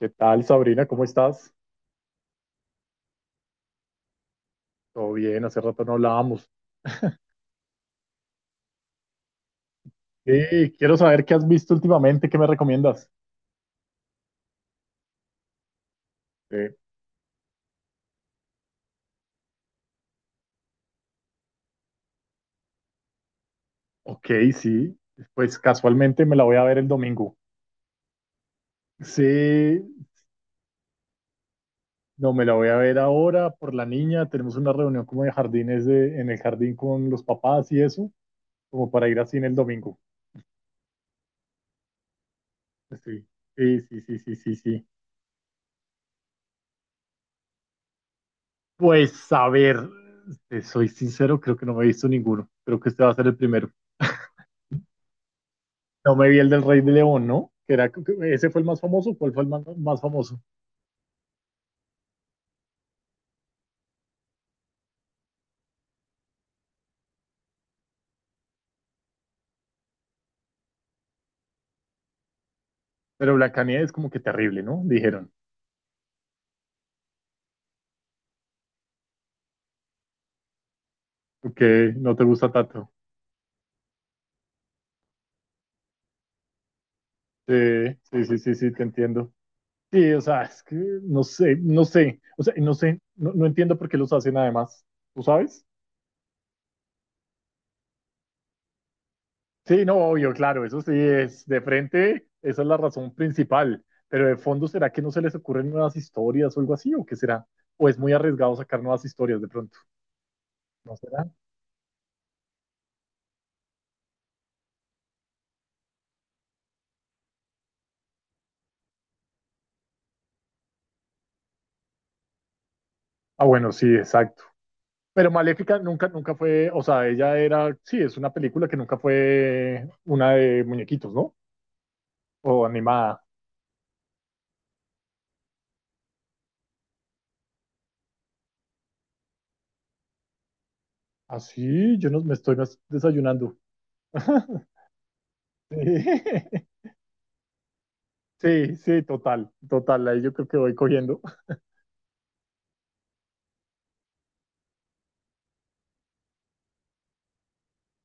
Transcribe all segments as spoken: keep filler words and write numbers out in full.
¿Qué tal, Sabrina? ¿Cómo estás? Todo bien, hace rato no hablábamos. Eh, quiero saber qué has visto últimamente, ¿qué me recomiendas? Eh, ok, sí, pues casualmente me la voy a ver el domingo. Sí, no, me la voy a ver ahora por la niña. Tenemos una reunión como de jardines de, en el jardín con los papás y eso, como para ir así en el domingo. Sí, sí, sí, sí, sí, sí, sí. Pues a ver, te soy sincero, creo que no me he visto ninguno. Creo que este va a ser el primero. No me vi el del Rey de León, ¿no? Que era, ese fue el más famoso, ¿cuál fue el más, más famoso? Pero Blancanieves es como que terrible, ¿no? Dijeron que no te gusta tanto. Sí, sí, sí, sí, sí, te entiendo. Sí, o sea, es que no sé, no sé, o sea, no sé, no, no entiendo por qué los hacen además, ¿tú sabes? Sí, no, obvio, claro, eso sí es de frente, esa es la razón principal, pero de fondo, ¿será que no se les ocurren nuevas historias o algo así, o qué será? ¿O es muy arriesgado sacar nuevas historias de pronto? ¿No será? Ah, bueno, sí, exacto. Pero Maléfica nunca, nunca fue, o sea, ella era, sí, es una película que nunca fue una de muñequitos, ¿no? O animada. Así, yo no, me estoy des- desayunando. Sí, sí, sí, total, total, ahí yo creo que voy cogiendo.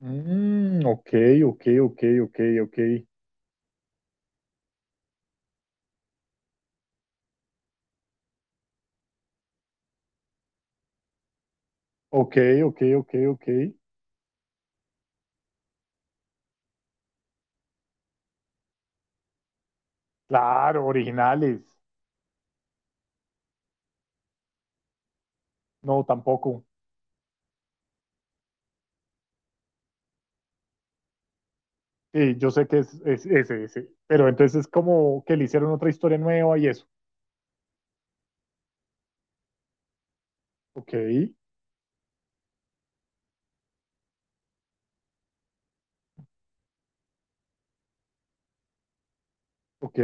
Mm, ok, ok, ok, ok, ok, ok, ok, ok, ok. Claro, originales. No, tampoco. Sí, yo sé que es, es ese, ese. Pero entonces es como que le hicieron otra historia nueva y eso. Ok, ok.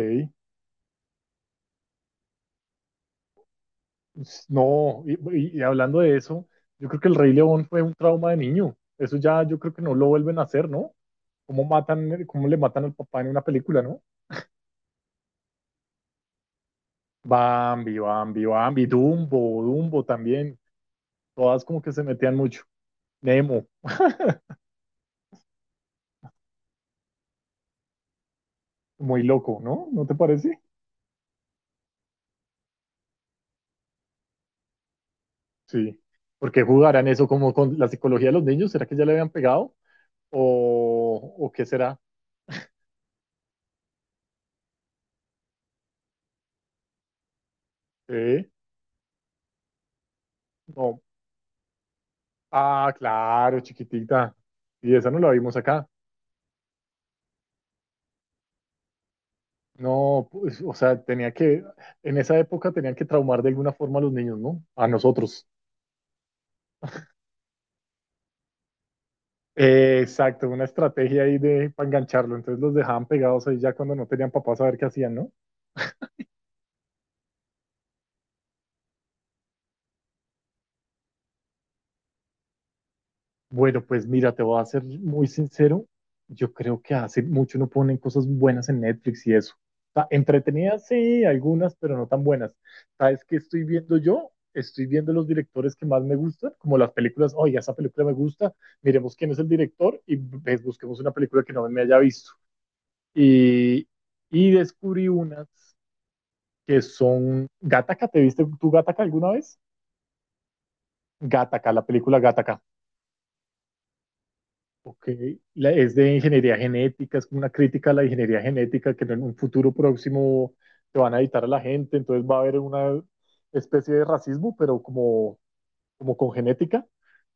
Pues, no, y, y- y hablando de eso, yo creo que el Rey León fue un trauma de niño. Eso ya yo creo que no lo vuelven a hacer, ¿no? ¿Cómo matan, cómo le matan al papá en una película, ¿no? Bambi, Bambi, Bambi, Dumbo, Dumbo también. Todas como que se metían mucho. Nemo, muy loco, ¿no? ¿No te parece? Sí. ¿Por qué jugarán eso como con la psicología de los niños? ¿Será que ya le habían pegado? ¿O, o qué será? ¿Eh? No. Ah, claro, chiquitita. Y esa no la vimos acá. No, pues, o sea, tenía que, en esa época tenían que traumar de alguna forma a los niños, ¿no? A nosotros. Eh, exacto, una estrategia ahí de para engancharlo. Entonces los dejaban pegados ahí ya cuando no tenían papás a ver qué hacían, ¿no? Bueno, pues mira, te voy a ser muy sincero. Yo creo que hace mucho no ponen cosas buenas en Netflix y eso. O sea, entretenidas, sí, algunas, pero no tan buenas. ¿Sabes qué estoy viendo yo? Estoy viendo los directores que más me gustan, como las películas. Oye, esa película me gusta, miremos quién es el director y pues, busquemos una película que no me haya visto. Y, y descubrí unas que son Gataca. ¿Te viste tú Gataca alguna vez? Gataca, la película Gataca. Ok, La- es de ingeniería genética, es como una crítica a la ingeniería genética que en un futuro próximo te van a editar a la gente, entonces va a haber una especie de racismo, pero como, como con genética,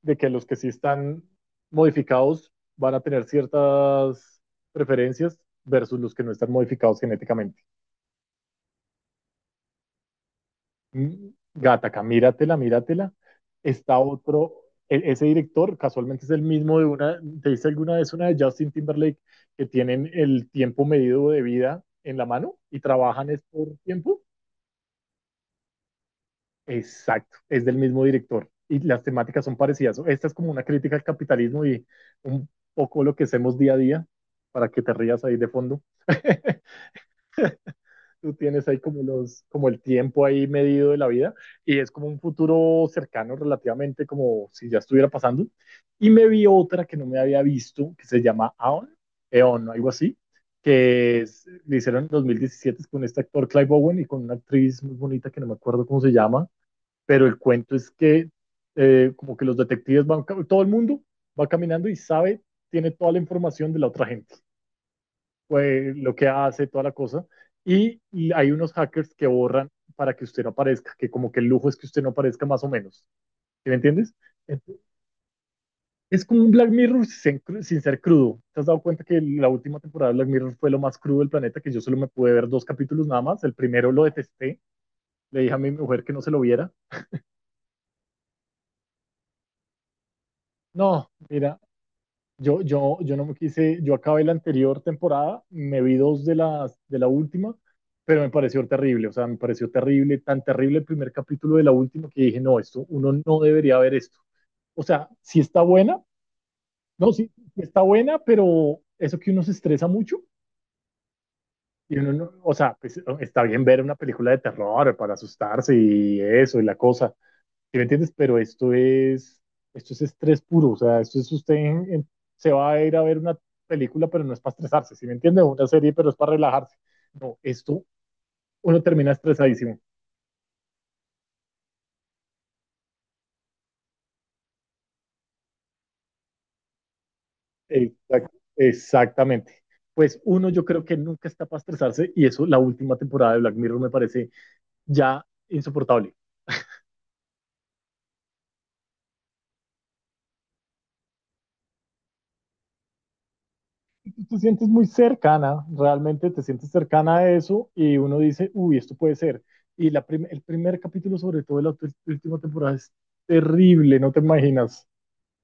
de que los que sí están modificados van a tener ciertas preferencias versus los que no están modificados genéticamente. Mm, Gataca, míratela, míratela. Está otro, e- ese director casualmente es el mismo de una, ¿te viste alguna vez una de Justin Timberlake que tienen el tiempo medido de vida en la mano y trabajan es por tiempo? Exacto, es del mismo director y las temáticas son parecidas. Esta es como una crítica al capitalismo y un poco lo que hacemos día a día para que te rías ahí de fondo. Tú tienes ahí como los, como el tiempo ahí medido de la vida y es como un futuro cercano relativamente como si ya estuviera pasando. Y me vi otra que no me había visto, que se llama Aon, Eon, algo así, que es- le hicieron en dos mil diecisiete con este actor Clive Owen y con una actriz muy bonita que no me acuerdo cómo se llama, pero el cuento es que eh, como que los detectives van, ca- todo el mundo va caminando y sabe, tiene toda la información de la otra gente eh, lo que hace, toda la cosa. Y hay unos hackers que borran para que usted no aparezca, que como que el lujo es que usted no aparezca más o menos. ¿Sí me entiendes? Ent- Es como un Black Mirror sin, sin ser crudo. ¿Te has dado cuenta que la última temporada de Black Mirror fue lo más crudo del planeta? Que yo solo me pude ver dos capítulos nada más. El primero lo detesté. Le dije a mi mujer que no se lo viera. No, mira, Yo, yo, yo no me quise, yo acabé la anterior temporada, me vi dos de las, de la última, pero me pareció terrible, o sea, me pareció terrible, tan terrible el primer capítulo de la última que dije, no, esto, uno no debería ver esto. O sea, sí está buena, no, sí, sí está buena, pero eso que uno se estresa mucho, y uno no- o sea, pues, está bien ver una película de terror para asustarse y eso y la cosa, ¿sí me entiendes? Pero esto es, esto es estrés puro, o sea, esto es usted en- en- se va a ir a ver una película, pero no es para estresarse, ¿sí me entiende? Una serie, pero es para relajarse. No, esto uno termina estresadísimo. Exact- exactamente. Pues uno yo creo que nunca está para estresarse y eso la última temporada de Black Mirror me parece ya insoportable. Te sientes muy cercana, realmente te sientes cercana a eso y uno dice, uy, esto puede ser. Y la prim- el primer capítulo, sobre todo de la última temporada, es terrible, no te imaginas.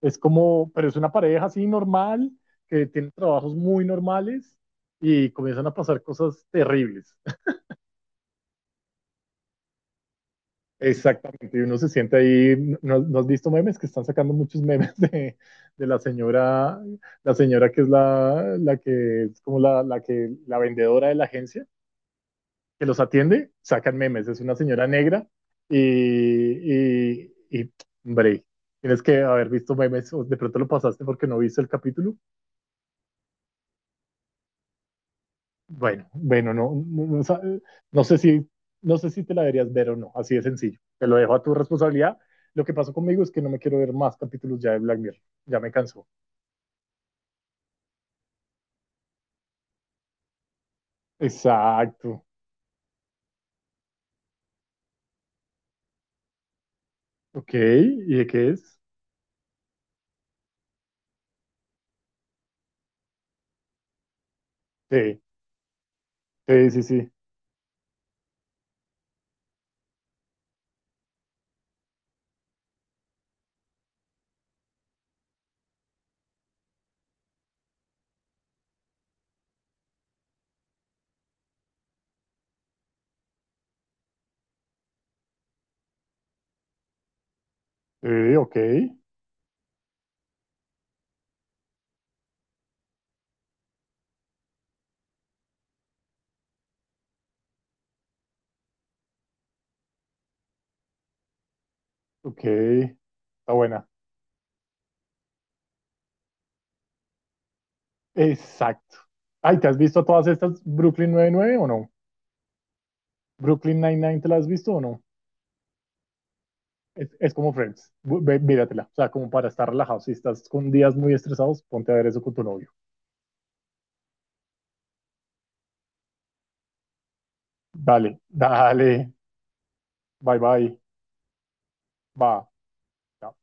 Es como, pero es una pareja así normal, que tiene trabajos muy normales y comienzan a pasar cosas terribles. Exactamente, y uno se siente ahí, ¿no, no has visto memes? Que están sacando muchos memes de, de la señora, la señora que es la, la que es como la, la que, la vendedora de la agencia que los atiende, sacan memes. Es una señora negra y, y, y hombre, tienes que haber visto memes o de pronto lo pasaste porque no viste el capítulo. Bueno, bueno, no, no, no, no sé si, no sé si te la deberías ver o no, así de sencillo. Te lo dejo a tu responsabilidad. Lo que pasó conmigo es que no me quiero ver más capítulos ya de Black Mirror. Ya me cansó. Exacto. Ok. ¿Y de qué es? Sí, sí, sí, sí. Sí, ok. Ok. Está buena. Exacto. Ay, ¿te has visto todas estas Brooklyn noventa y nueve o no? Brooklyn noventa y nueve, ¿te la has visto o no? Es, es como Friends. Bu- ve- Míratela. O sea, como para estar relajado. Si estás con días muy estresados, ponte a ver eso con tu novio. Dale, dale. Bye, bye. Va. Chao.